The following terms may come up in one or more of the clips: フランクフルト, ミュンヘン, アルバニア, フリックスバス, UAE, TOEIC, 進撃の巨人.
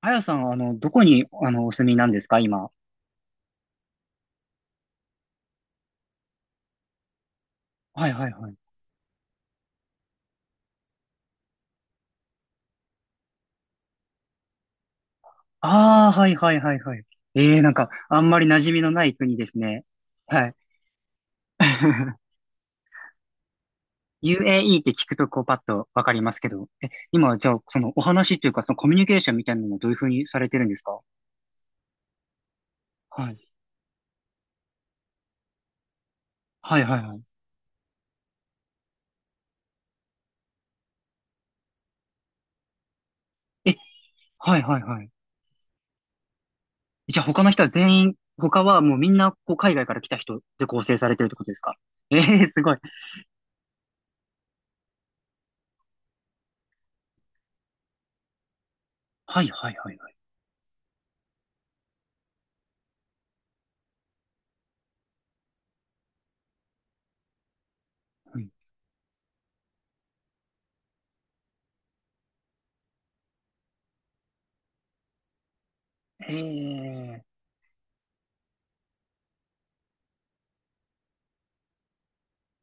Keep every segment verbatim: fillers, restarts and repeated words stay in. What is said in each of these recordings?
あやさん、あの、どこに、あの、お住みなんですか、今。はいはいはい。ああ、はいはいはいはい。ええ、なんか、あんまり馴染みのない国ですね。はい。ユーエーイー って聞くと、こう、パッとわかりますけど。え、今、じゃあ、その、お話というか、その、コミュニケーションみたいなのをどういうふうにされてるんですか？はい。はいはいはい。え、はいはいはい。じゃあ、他の人は全員、他はもうみんな、こう、海外から来た人で構成されてるってことですか？ええ、すごい。はいはいはいはい。うん。ええ、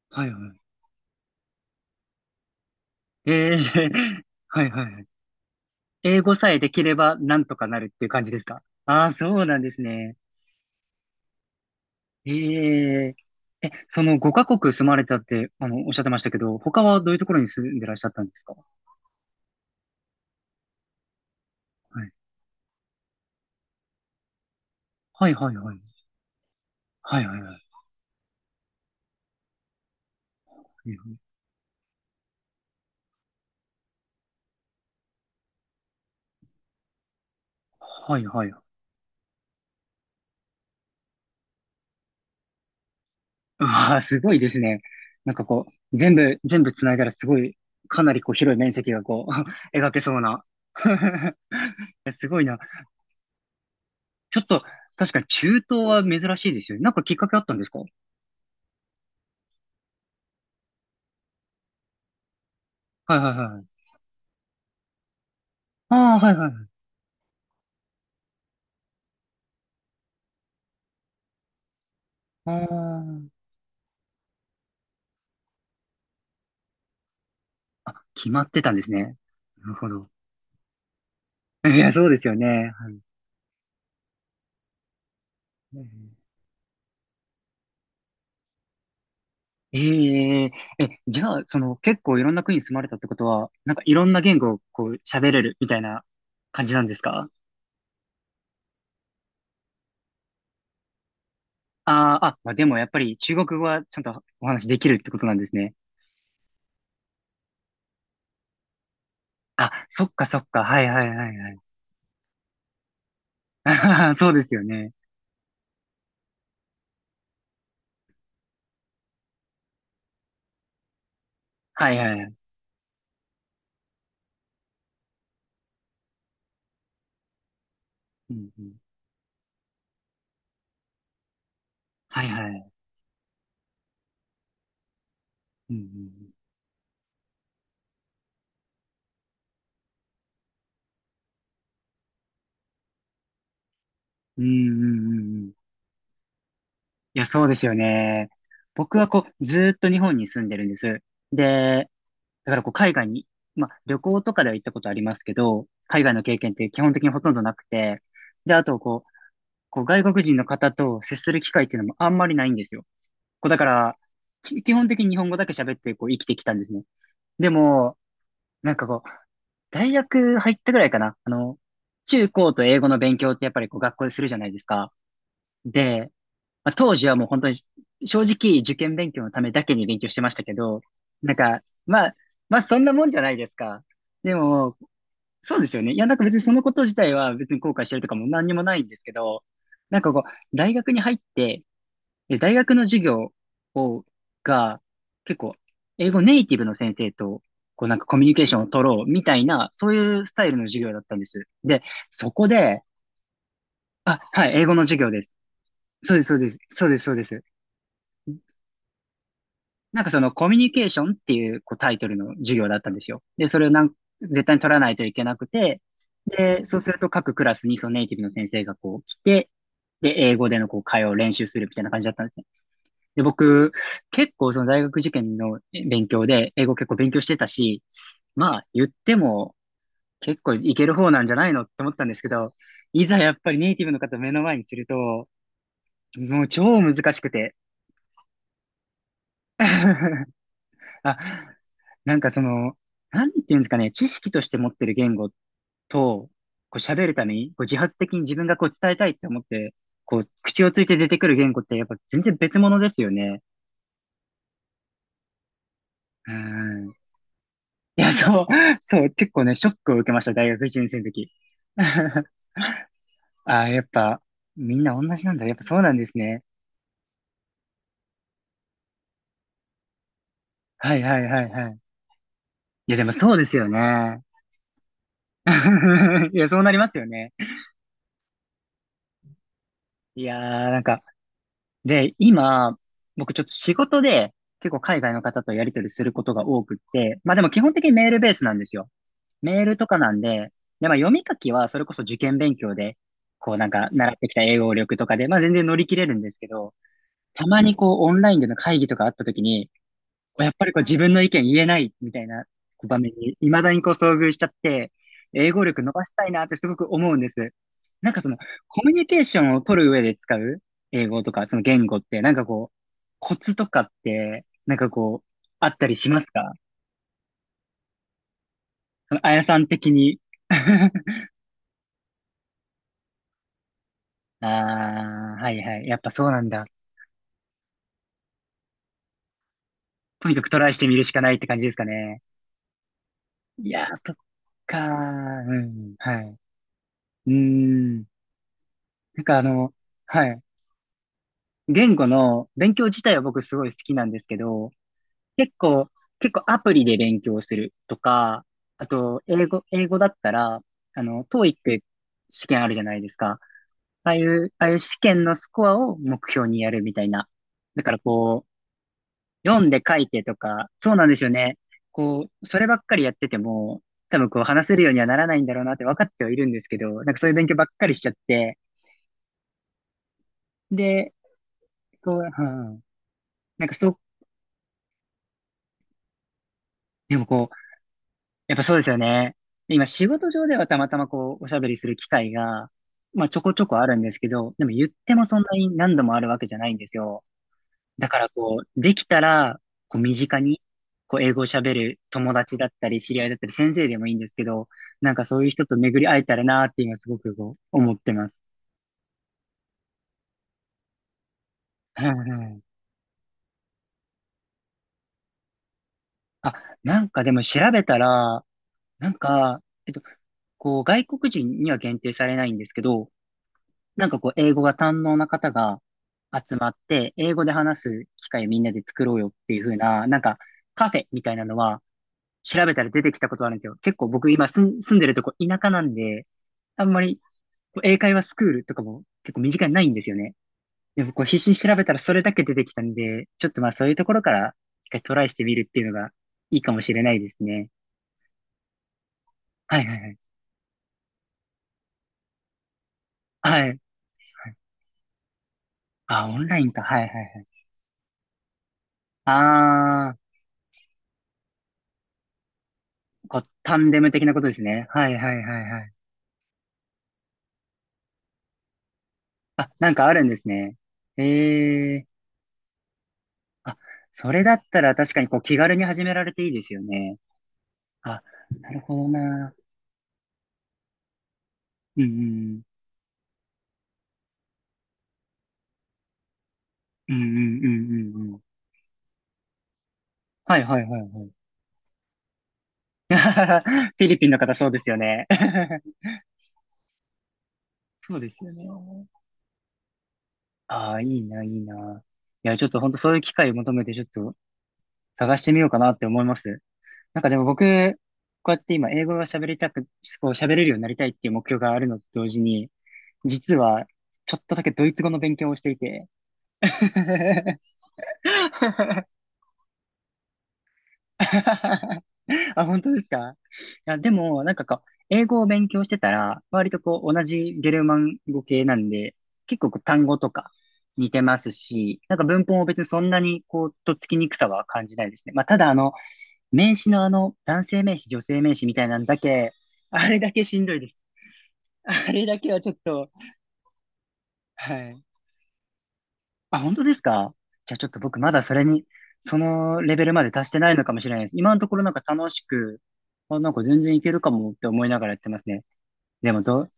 はいはい。ええ はいはいはい。英語さえできればなんとかなるっていう感じですか？ああー、そうなんですね。えええ、そのごかこくカ国住まれたって、あの、おっしゃってましたけど、他はどういうところに住んでらっしゃったんですか？はい、はいはいはい。はいはいはい。はいはい。ああ、すごいですね。なんかこう、全部、全部繋いだらすごい、かなりこう広い面積がこう、描けそうな。すごいな。ちょっと、確かに中東は珍しいですよね。なんかきっかけあったんですか？はいはいはい。ああ、はいはいはい。ああ、あ、決まってたんですね。なるほど。いや、そうですよね。はい。えええ、えじゃあ、その、結構いろんな国に住まれたってことは、なんかいろんな言語をこう喋れるみたいな感じなんですか？ああー、あ、まあ、でもやっぱり中国語はちゃんとお話できるってことなんですね。あ、そっかそっか。はいはいはいはい。あははそうですよね。はいはいはい。うんうん、はいはい。うんうんうん。うんうんうんうん。いや、そうですよね。僕はこう、ずーっと日本に住んでるんです。で、だからこう、海外に、まあ、旅行とかでは行ったことありますけど、海外の経験って基本的にほとんどなくて、で、あとこう、こう外国人の方と接する機会っていうのもあんまりないんですよ。こう、だから、き基本的に日本語だけ喋ってこう、生きてきたんですね。でも、なんかこう、大学入ったぐらいかな。あの、中高と英語の勉強ってやっぱりこう、学校でするじゃないですか。で、まあ、当時はもう本当に正直受験勉強のためだけに勉強してましたけど、なんか、まあ、まあそんなもんじゃないですか。でも、そうですよね。いや、なんか別にそのこと自体は別に後悔してるとかも何にもないんですけど、なんかこう、大学に入って、え大学の授業を、が、結構、英語ネイティブの先生と、こうなんかコミュニケーションを取ろうみたいな、そういうスタイルの授業だったんです。で、そこで、あ、はい、英語の授業です。そうです、そうです、そうです、そうです。なんかそのコミュニケーションっていうこうタイトルの授業だったんですよ。で、それをなん絶対に取らないといけなくて、で、そうすると各クラスにそのネイティブの先生がこう来て、で、英語でのこう会話を練習するみたいな感じだったんですね。で、僕、結構その大学受験の勉強で、英語結構勉強してたし、まあ言っても結構いける方なんじゃないのって思ったんですけど、いざやっぱりネイティブの方を目の前にすると、もう超難しくて。あ、なんかその、なんていうんですかね、知識として持ってる言語と、こう喋るために、こう自発的に自分がこう伝えたいって思って、こう口をついて出てくる言語ってやっぱ全然別物ですよね。うん。いや、そう、そう、結構ね、ショックを受けました、大学いちねんせい生の時。ああ、やっぱ、みんな同じなんだ。やっぱそうなんですね。はいはいはいはい。いや、でもそうですよね。いや、そうなりますよね。いやー、なんか、で、今、僕ちょっと仕事で結構海外の方とやり取りすることが多くって、まあでも基本的にメールベースなんですよ。メールとかなんで、で、まあ読み書きはそれこそ受験勉強で、こうなんか習ってきた英語力とかで、まあ全然乗り切れるんですけど、たまにこうオンラインでの会議とかあった時に、こうやっぱりこう自分の意見言えないみたいなこう場面に未だにこう遭遇しちゃって、英語力伸ばしたいなってすごく思うんです。なんかその、コミュニケーションを取る上で使う英語とか、その言語って、なんかこう、コツとかって、なんかこう、あったりしますか？そのあやさん的に。ああ、はいはい。やっぱそうなんだ。とにかくトライしてみるしかないって感じですかね。いやー、そっかー。うん。はい。うーん。なんかあの、はい。言語の勉強自体は僕すごい好きなんですけど、結構、結構アプリで勉強するとか、あと、英語、英語だったら、あの、TOEIC 試験あるじゃないですか。ああいう、ああいう試験のスコアを目標にやるみたいな。だからこう、読んで書いてとか、そうなんですよね。こう、そればっかりやってても、多分こう話せるようにはならないんだろうなって分かってはいるんですけど、なんかそういう勉強ばっかりしちゃって、で、こう、うん、なんかそう、でもこう、やっぱそうですよね。で今仕事上ではたまたまこう、おしゃべりする機会が、まあちょこちょこあるんですけど、でも言ってもそんなに何度もあるわけじゃないんですよ。だからこう、できたら、こう身近に、こう英語を喋る友達だったり、知り合いだったり、先生でもいいんですけど、なんかそういう人と巡り会えたらなーって今すごくこう、思ってます。はいはい。あ、なんかでも調べたら、なんか、えっと、こう、外国人には限定されないんですけど、なんかこう、英語が堪能な方が集まって、英語で話す機会をみんなで作ろうよっていう風な、なんかカフェみたいなのは調べたら出てきたことあるんですよ。結構僕今住ん住んでるとこ田舎なんで、あんまりこう英会話スクールとかも結構身近にないんですよね。でもこう必死に調べたらそれだけ出てきたんで、ちょっとまあそういうところから一回トライしてみるっていうのがいいかもしれないですね。はいはいはい。はい。はい。あ、オンラインか。はいはいはい。ああ。こう、タンデム的なことですね。はいはいはいはい。あ、なんかあるんですね。ええ。あ、それだったら確かにこう気軽に始められていいですよね。あ、なるほどな。うんうんうん。うんうんうんうんうん。はいはいはいはい。フィリピンの方そうですよね。そうですよね。ああ、いいな、いいな。いや、ちょっと本当そういう機会を求めてちょっと探してみようかなって思います。なんかでも僕、こうやって今英語が喋りたく、こう喋れるようになりたいっていう目標があるのと同時に、実はちょっとだけドイツ語の勉強をしていて。あ、本当ですか？いや、でも、なんかこう、英語を勉強してたら、割とこう、同じゲルマン語系なんで、結構こう単語とか似てますし、なんか文法も別にそんなにこう、とっつきにくさは感じないですね。まあ、ただあの、名詞のあの、男性名詞、女性名詞みたいなんだけ、あれだけしんどいです。あれだけはちょっと、はい。あ、本当ですか？じゃあちょっと僕まだそれに、そのレベルまで達してないのかもしれないです。今のところなんか楽しく、あ、なんか全然いけるかもって思いながらやってますね。でもど、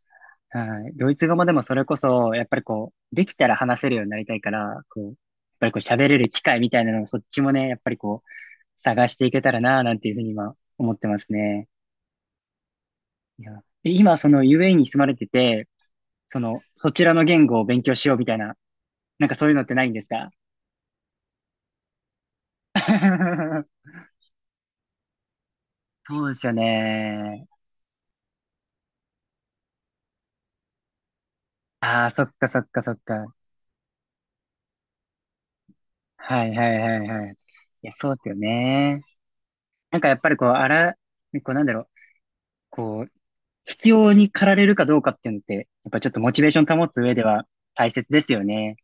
はい。ドイツ語もでもそれこそ、やっぱりこう、できたら話せるようになりたいから、こう、やっぱりこう喋れる機会みたいなのをそっちもね、やっぱりこう、探していけたらな、なんていうふうに今思ってますね。いや、で今、その ユーエーイー に住まれてて、その、そちらの言語を勉強しようみたいな、なんかそういうのってないんですか？ そうですよね。ああ、そっかそっかそっか。はいはいはいはい。いや、そうですよね。なんかやっぱりこう、あら、こうなんだろう、こう、必要に駆られるかどうかっていうのって、やっぱちょっとモチベーション保つ上では大切ですよね。